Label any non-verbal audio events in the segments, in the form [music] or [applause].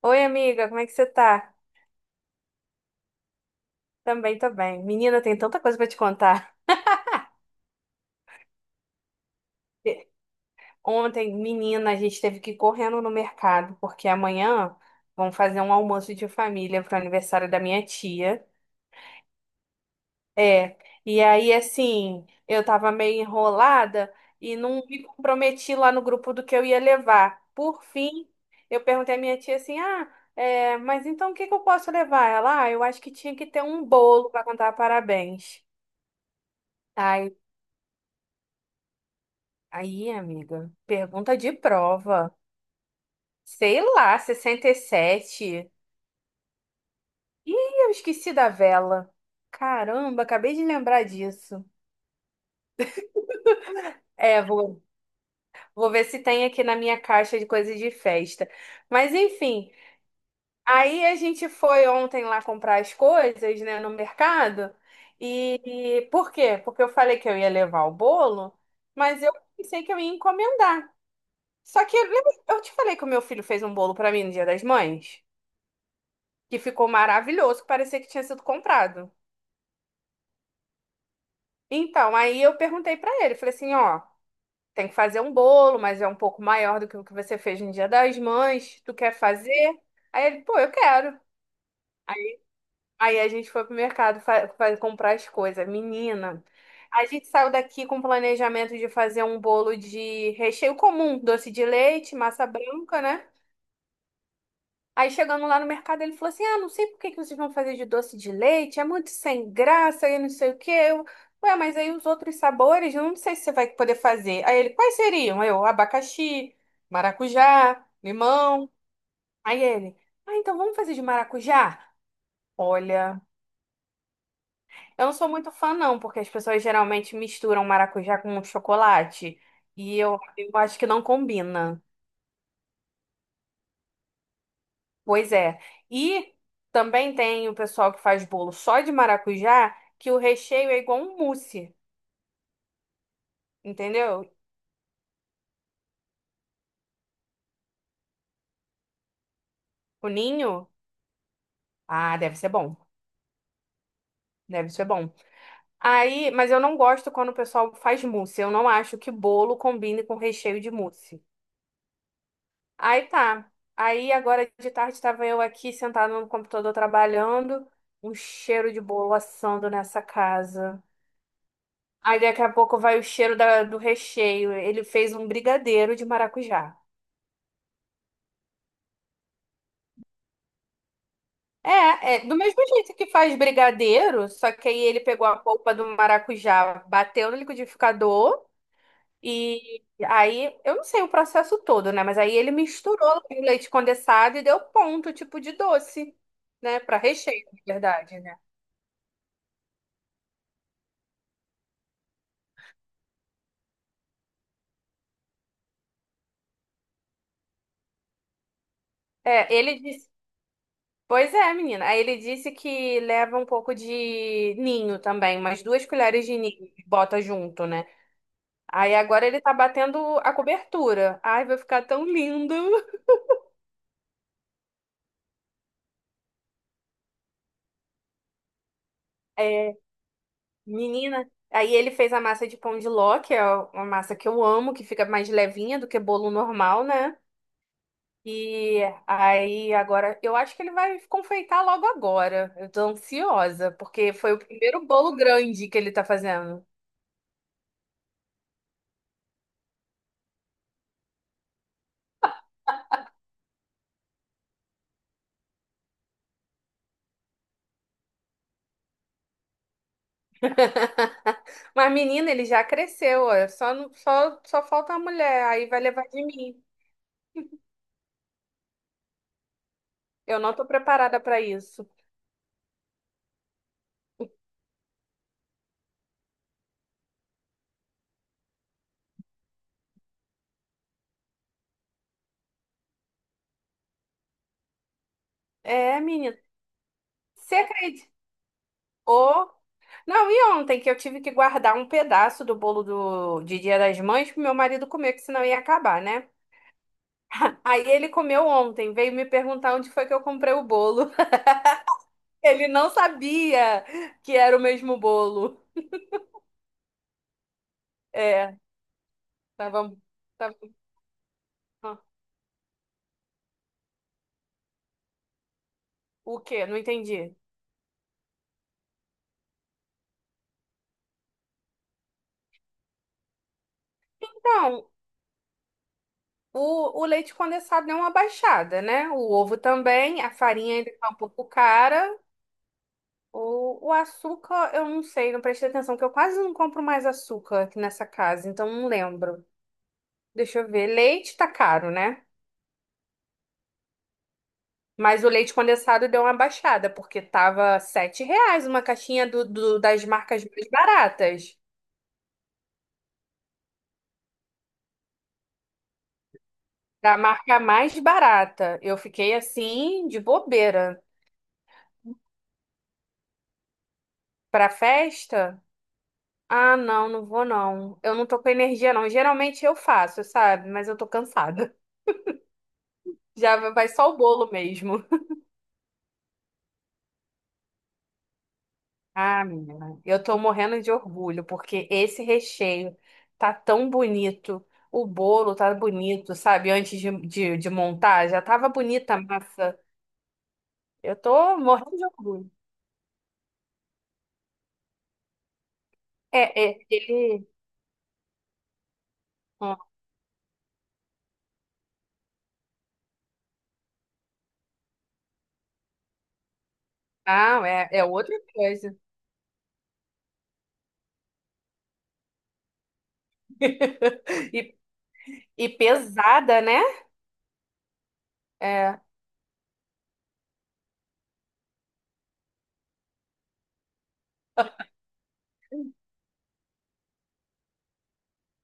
Oi, amiga, como é que você tá? Também tô bem. Menina, tem tanta coisa pra te contar. Ontem, menina, a gente teve que ir correndo no mercado, porque amanhã vão fazer um almoço de família pro aniversário da minha tia. É, e aí, assim, eu tava meio enrolada e não me comprometi lá no grupo do que eu ia levar. Por fim, eu perguntei à minha tia assim: ah, é, mas então o que que eu posso levar? Ela, ah, eu acho que tinha que ter um bolo pra contar parabéns. Aí, amiga, pergunta de prova. Sei lá, 67. Ih, eu esqueci da vela. Caramba, acabei de lembrar disso. É, vou ver se tem aqui na minha caixa de coisas de festa. Mas enfim, aí a gente foi ontem lá comprar as coisas, né, no mercado. E, e por quê? Porque eu falei que eu ia levar o bolo, mas eu pensei que eu ia encomendar. Só que lembra- eu te falei que o meu filho fez um bolo pra mim no Dia das Mães, que ficou maravilhoso, que parecia que tinha sido comprado? Então, aí eu perguntei pra ele, falei assim, ó, tem que fazer um bolo, mas é um pouco maior do que o que você fez no Dia das Mães, tu quer fazer? Aí ele, pô, eu quero. Aí a gente foi pro mercado comprar as coisas. Menina, a gente saiu daqui com o planejamento de fazer um bolo de recheio comum, doce de leite, massa branca, né? Aí chegando lá no mercado, ele falou assim: ah, não sei por que que vocês vão fazer de doce de leite, é muito sem graça e não sei o quê. Eu, ué, mas aí os outros sabores, eu não sei se você vai poder fazer. Aí ele, quais seriam? Aí eu, abacaxi, maracujá, limão. Aí ele, ah, então vamos fazer de maracujá? Olha, eu não sou muito fã, não, porque as pessoas geralmente misturam maracujá com chocolate. E eu acho que não combina. Pois é. E também tem o pessoal que faz bolo só de maracujá, que o recheio é igual um mousse, entendeu? O ninho, ah, deve ser bom. Deve ser bom. Aí, mas eu não gosto quando o pessoal faz mousse. Eu não acho que bolo combine com recheio de mousse. Aí tá. Aí agora de tarde estava eu aqui sentada no computador trabalhando, um cheiro de bolo assando nessa casa. Aí daqui a pouco vai o cheiro da- do recheio. Ele fez um brigadeiro de maracujá. É do mesmo jeito que faz brigadeiro, só que aí ele pegou a polpa do maracujá, bateu no liquidificador e aí, eu não sei o processo todo, né? Mas aí ele misturou com leite condensado e deu ponto, tipo de doce, né? Para recheio, na verdade, né? É, ele disse. Pois é, menina. Aí ele disse que leva um pouco de ninho também, umas duas colheres de ninho, bota junto, né? Aí agora ele tá batendo a cobertura. Ai, vai ficar tão lindo. É, menina, aí ele fez a massa de pão de ló, que é uma massa que eu amo, que fica mais levinha do que bolo normal, né? E aí agora, eu acho que ele vai confeitar logo agora. Eu tô ansiosa, porque foi o primeiro bolo grande que ele tá fazendo. [laughs] Mas menina, ele já cresceu, ó. Só, não- só, só falta a mulher, aí vai levar de mim. Eu não tô preparada pra isso. É, menina, você acredita? Ô, não, e ontem que eu tive que guardar um pedaço do bolo do, de Dia das Mães pro meu marido comer, que senão ia acabar, né? Aí ele comeu ontem, veio me perguntar onde foi que eu comprei o bolo. [laughs] Ele não sabia que era o mesmo bolo. É, tava, tava... ah, o quê? Não entendi. Então, o leite condensado deu uma baixada, né? O ovo também, a farinha ainda tá um pouco cara. O açúcar, eu não sei, não prestei atenção, que eu quase não compro mais açúcar aqui nessa casa, então não lembro. Deixa eu ver. Leite tá caro, né? Mas o leite condensado deu uma baixada, porque tava R$7 uma caixinha do, do- das marcas mais baratas. Da marca mais barata. Eu fiquei assim, de bobeira. Pra festa? Ah, não, não vou não. Eu não tô com energia, não. Geralmente eu faço, sabe? Mas eu tô cansada. [laughs] Já vai só o bolo mesmo. Ah, menina, eu tô morrendo de orgulho, porque esse recheio tá tão bonito, o bolo tá bonito, sabe? Antes de montar, já tava bonita a massa. Eu tô morrendo de orgulho. É, é, ele. Ah, é outra coisa. [laughs] E, e pesada, né? É,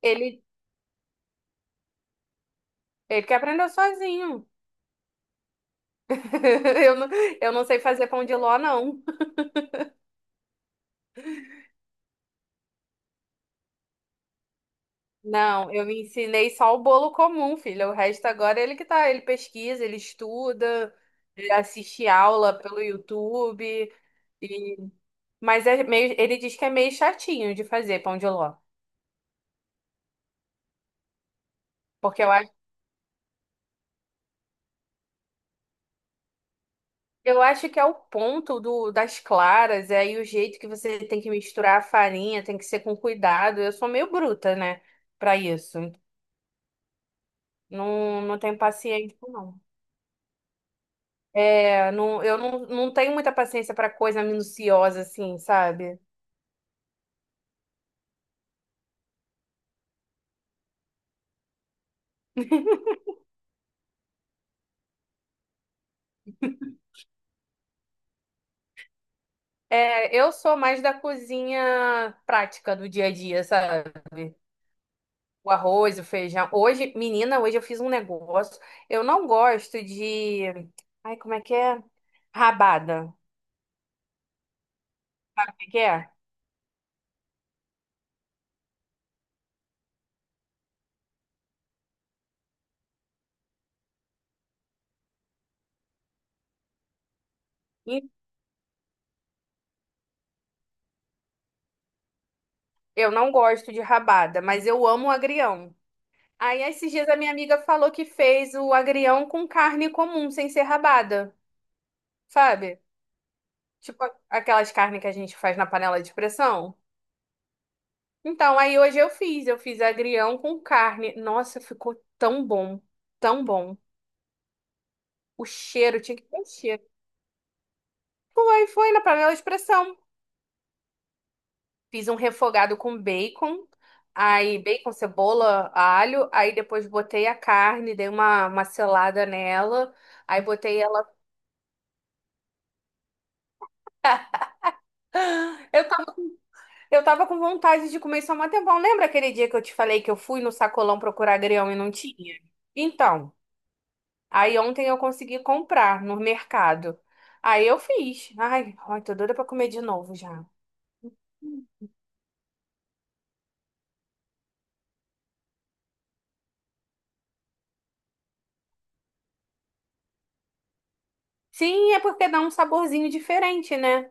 ele, ele que aprendeu sozinho. [laughs] Eu não, eu não, sei fazer pão de ló, não. Não, eu me ensinei só o bolo comum, filha. O resto agora é ele que tá, ele pesquisa, ele estuda, ele assiste aula pelo YouTube e mas é meio, ele diz que é meio chatinho de fazer pão de ló, porque eu acho que é o ponto do das claras, é aí o jeito que você tem que misturar a farinha, tem que ser com cuidado. Eu sou meio bruta, né, pra isso. Não, não tenho paciência, não. É, não, eu não, não tenho muita paciência pra coisa minuciosa assim, sabe? É, eu sou mais da cozinha prática do dia a dia, sabe? O arroz, o feijão. Hoje, menina, hoje eu fiz um negócio. Eu não gosto de. Ai, como é que é? Rabada. Sabe o que que é? E eu não gosto de rabada, mas eu amo o agrião. Aí, esses dias, a minha amiga falou que fez o agrião com carne comum, sem ser rabada, sabe? Tipo aquelas carnes que a gente faz na panela de pressão. Então, aí hoje eu fiz agrião com carne. Nossa, ficou tão bom, tão bom. O cheiro, tinha que ter o cheiro. Foi, foi na panela de expressão. Fiz um refogado com bacon, aí bacon, cebola, alho, aí depois botei a carne, dei uma selada nela, aí botei ela. Eu tava, com- eu tava com vontade de comer só um tempão. Lembra aquele dia que eu te falei que eu fui no sacolão procurar agrião e não tinha? Então. Aí ontem eu consegui comprar no mercado. Aí eu fiz. Ai, ai, tô doida pra comer de novo já. Sim, é porque dá um saborzinho diferente, né?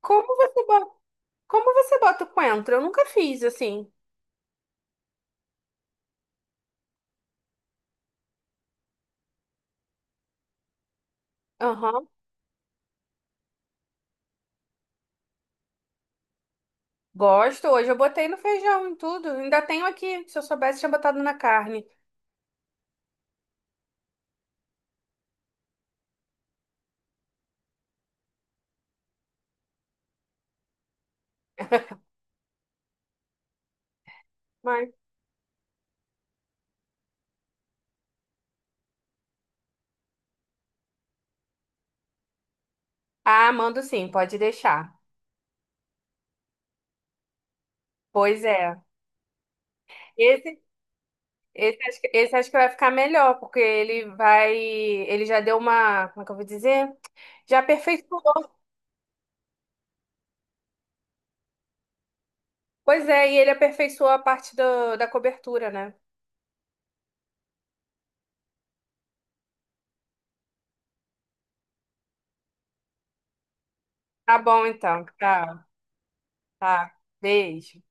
Como você bota, como você bota o coentro? Eu nunca fiz assim. Aham. Gosto. Hoje eu botei no feijão e tudo. Ainda tenho aqui. Se eu soubesse, tinha botado na carne. Mas... ah, mando sim, pode deixar. Pois é. Esse, esse acho que vai ficar melhor, porque ele vai. Ele já deu uma. Como é que eu vou dizer? Já aperfeiçoou. Pois é, e ele aperfeiçoou a parte do, da cobertura, né? Tá bom, então. Tá, tá. Beijo.